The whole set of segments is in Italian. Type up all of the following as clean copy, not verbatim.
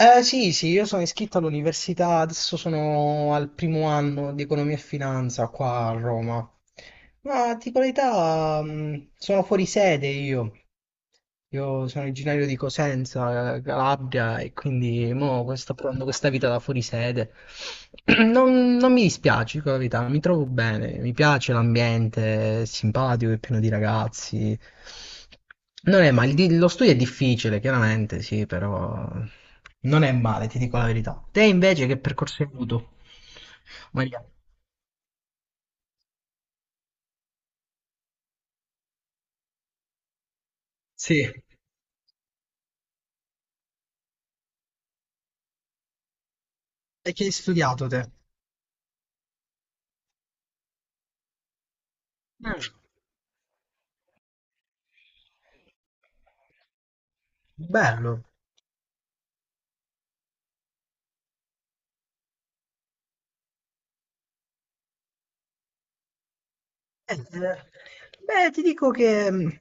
Sì, sì, io sono iscritto all'università, adesso sono al primo anno di economia e finanza qua a Roma. Ma ti dico la verità, sono fuori sede io. Io sono originario di Cosenza, Calabria, e quindi mo sto provando questa vita da fuori sede. Non mi dispiace, dico la verità, mi trovo bene, mi piace l'ambiente, è simpatico, è pieno di ragazzi. Non è male, lo studio è difficile, chiaramente, sì, però non è male, ti dico la verità. Te invece che percorso hai avuto, Maria? Sì. E che hai studiato te? Mm. Bello. Eh, Beh, ti dico che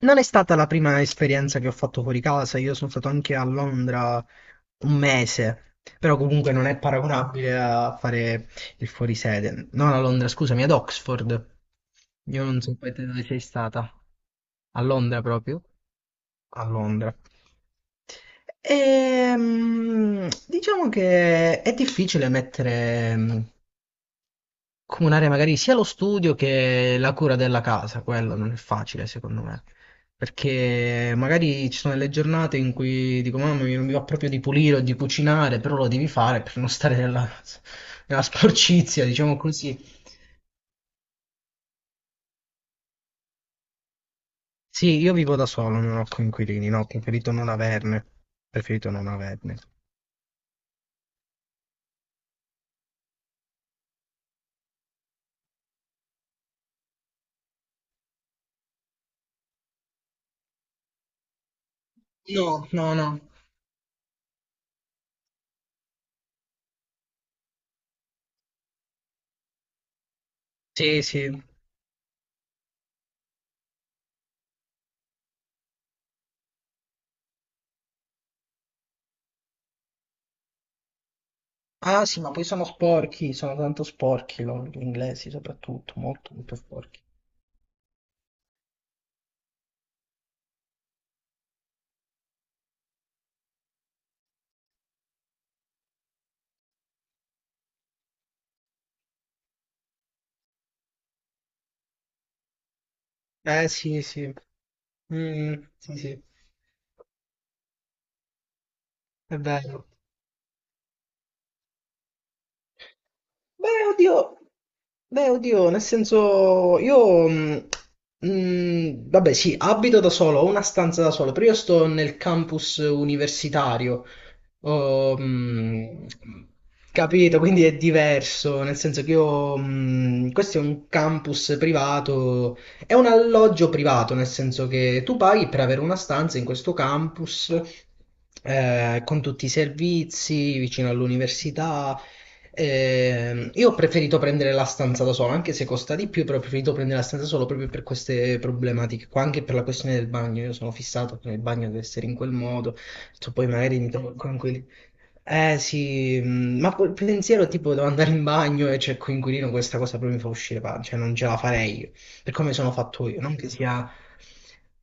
non è stata la prima esperienza che ho fatto fuori casa. Io sono stato anche a Londra un mese, però comunque non è paragonabile a fare il fuorisede. Non a Londra, scusami, ad Oxford. Io non so poi te dove sei stata. A Londra proprio? A Londra. Diciamo che è difficile mettere, comunare magari sia lo studio che la cura della casa, quello non è facile secondo me, perché magari ci sono delle giornate in cui dico mamma mia, non mi va proprio di pulire o di cucinare, però lo devi fare per non stare nella, nella sporcizia, diciamo così. Sì, io vivo da solo, non ho coinquilini, no, ho preferito non averne, preferito non averne. No, no, no. Sì, sì. Ah sì, ma poi sono sporchi, sono tanto sporchi loro, gli inglesi soprattutto, molto molto sporchi. Eh sì, sì. Mm, sì, sì, è bello. Beh, oddio, beh, oddio, nel senso, io, vabbè, sì, abito da solo, ho una stanza da solo, però io sto nel campus universitario, Oh, capito? Quindi è diverso, nel senso che io, questo è un campus privato, è un alloggio privato, nel senso che tu paghi per avere una stanza in questo campus, con tutti i servizi, vicino all'università. Io ho preferito prendere la stanza da solo, anche se costa di più, però ho preferito prendere la stanza da solo proprio per queste problematiche qua, anche per la questione del bagno. Io sono fissato che il bagno deve essere in quel modo, so, poi magari mi trovo con quei eh sì, ma quel pensiero tipo devo andare in bagno e c'è il coinquilino, questa cosa proprio mi fa uscire pancia, cioè non ce la farei io, per come sono fatto io, non che sia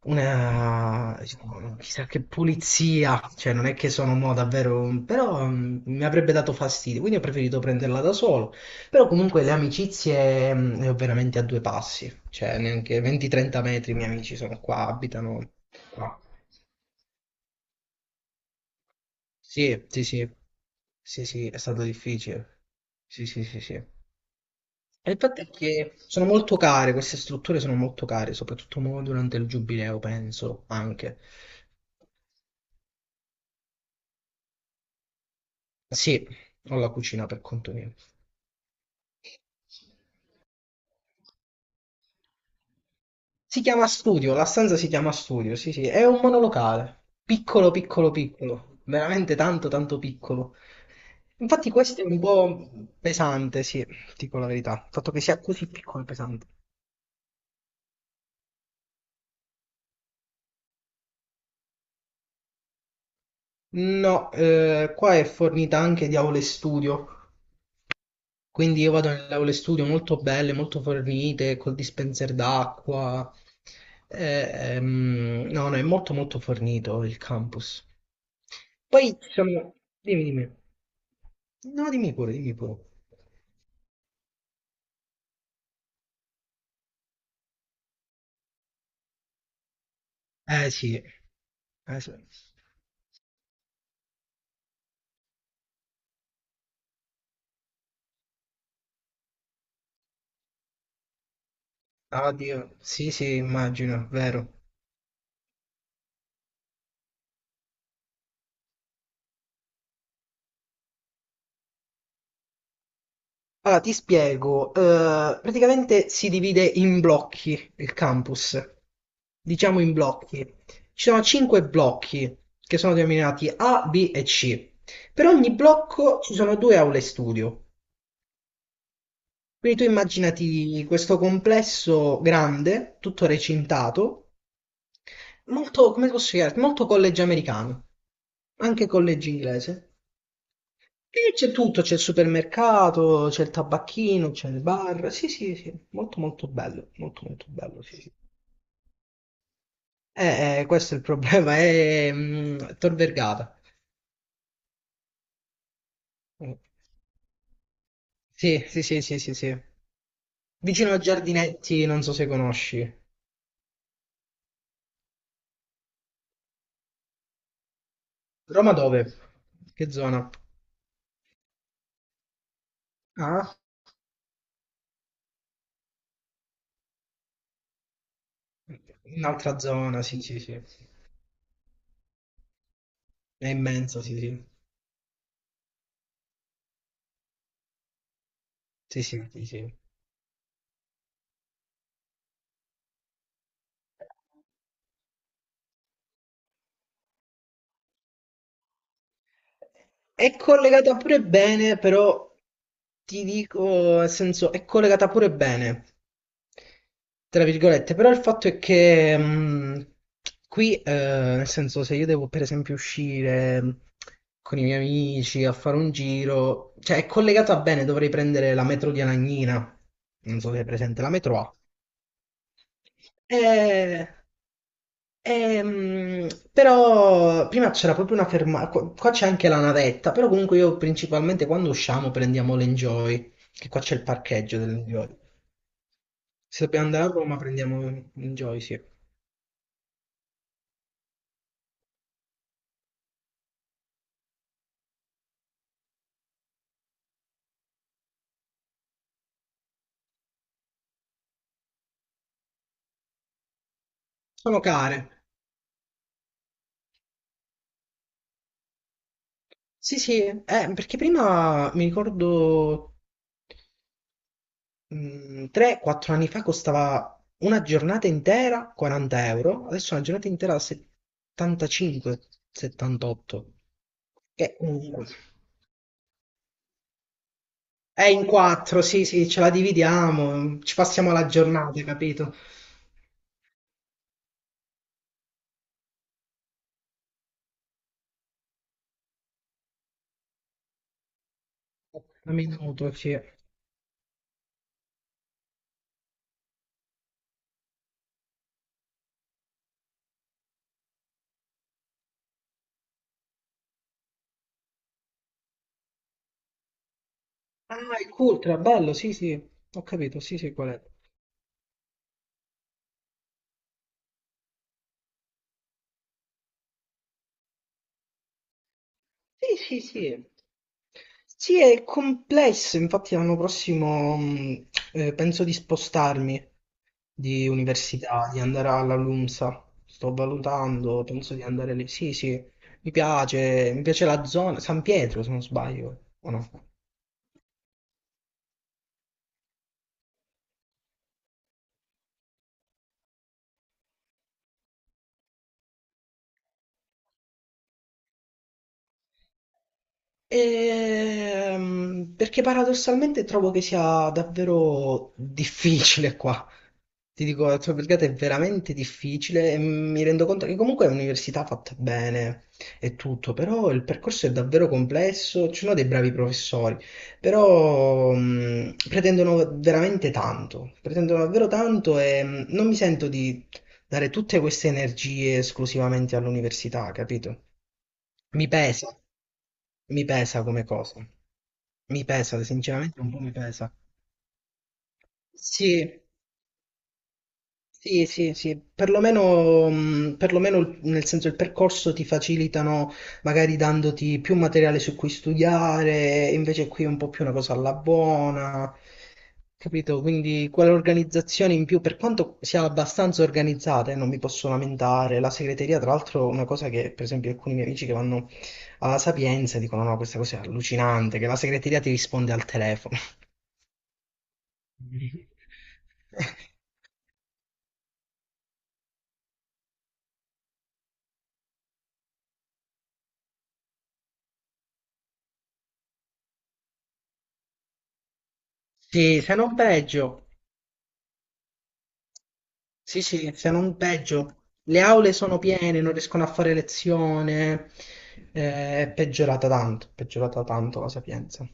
una diciamo, chissà che pulizia, cioè non è che sono mo davvero, però mi avrebbe dato fastidio, quindi ho preferito prenderla da solo, però comunque le amicizie le ho veramente a due passi, cioè neanche 20-30 metri i miei amici sono qua, abitano qua. Sì, sì, sì. Sì, sì, è stato difficile. Sì, sì, sì, sì. E il fatto è che sono molto care, queste strutture sono molto care, soprattutto mo durante il giubileo, penso, anche. Sì, ho la cucina per conto mio. Si chiama studio, la stanza si chiama studio, sì, sì, è un monolocale, piccolo, piccolo, piccolo, veramente tanto, tanto piccolo. Infatti questo è un po' pesante, sì, dico la verità, il fatto che sia così piccolo è pesante. No, qua è fornita anche di aule studio, quindi io vado nelle aule studio molto belle, molto fornite, col dispenser d'acqua. Eh, no, no, è molto molto fornito il campus. Poi ci sono... Dimmi, dimmi. No, dimmi pure, dimmi pure. Eh sì, eh sì. Oddio, sì sì, immagino, vero. Ah, ti spiego. Praticamente si divide in blocchi il campus. Diciamo in blocchi. Ci sono cinque blocchi che sono denominati A, B e C. Per ogni blocco ci sono due aule studio. Quindi tu immaginati questo complesso grande, tutto recintato, molto, come posso spiegarti, molto college americano, anche college inglese. E c'è tutto, c'è il supermercato, c'è il tabacchino, c'è il bar. Sì, sì, sì, molto molto bello, sì, sì. Questo è il problema, è Tor Vergata. Sì, sì, sì, sì, sì, sì. Vicino a Giardinetti, non so se conosci. Roma dove? Che zona? Ah? Un'altra zona, sì, sì, sì. È immenso, sì, sì. Sì, sì, sì, sì. È collegata pure bene, però ti dico, nel senso, è collegata pure bene, tra virgolette, però il fatto è che qui, nel senso, se io devo per esempio uscire con i miei amici a fare un giro, cioè è collegata bene, dovrei prendere la metro di Anagnina, non so se è presente, la metro A. Eh, ehm, Però prima c'era proprio una fermata, qua c'è anche la navetta, però comunque io principalmente quando usciamo prendiamo l'Enjoy, che qua c'è il parcheggio dell'Enjoy. Se dobbiamo andare a Roma prendiamo l'Enjoy, sì. Sono care. Sì, sì, perché prima mi ricordo 3-4 anni fa costava una giornata intera 40 euro, adesso una giornata intera 75-78. Che comunque è in 4, sì, sì, ce la dividiamo, ci passiamo la giornata, capito? Un minuto, sì. Ah, il Cultra, bello, sì, sì, ho capito, sì, sì, qual è. Sì, sì, sì. Sì, è complesso, infatti l'anno prossimo penso di spostarmi. Di università, di andare alla LUMSA. Sto valutando, penso di andare lì. Sì, sì, mi piace la zona, San Pietro se non sbaglio, o no? Perché paradossalmente trovo che sia davvero difficile qua. Ti dico, la tua brigata è veramente difficile e mi rendo conto che comunque è un'università fatta bene e tutto, però il percorso è davvero complesso, ci sono dei bravi professori, però pretendono veramente tanto, pretendono davvero tanto e non mi sento di dare tutte queste energie esclusivamente all'università, capito? Mi pesa, mi pesa come cosa. Mi pesa, sinceramente un po' mi pesa. Sì, sì, sì, sì, perlomeno, perlomeno nel senso il percorso ti facilitano magari dandoti più materiale su cui studiare, invece qui è un po' più una cosa alla buona, capito? Quindi quell'organizzazione in più, per quanto sia abbastanza organizzata, non mi posso lamentare, la segreteria tra l'altro è una cosa che per esempio alcuni miei amici che vanno alla Sapienza dicono no, questa cosa è allucinante, che la segreteria ti risponde al telefono. Sì, se non peggio. Sì, sì, se non peggio. Le aule sono piene, non riescono a fare lezione. È peggiorata tanto, è peggiorata tanto la Sapienza.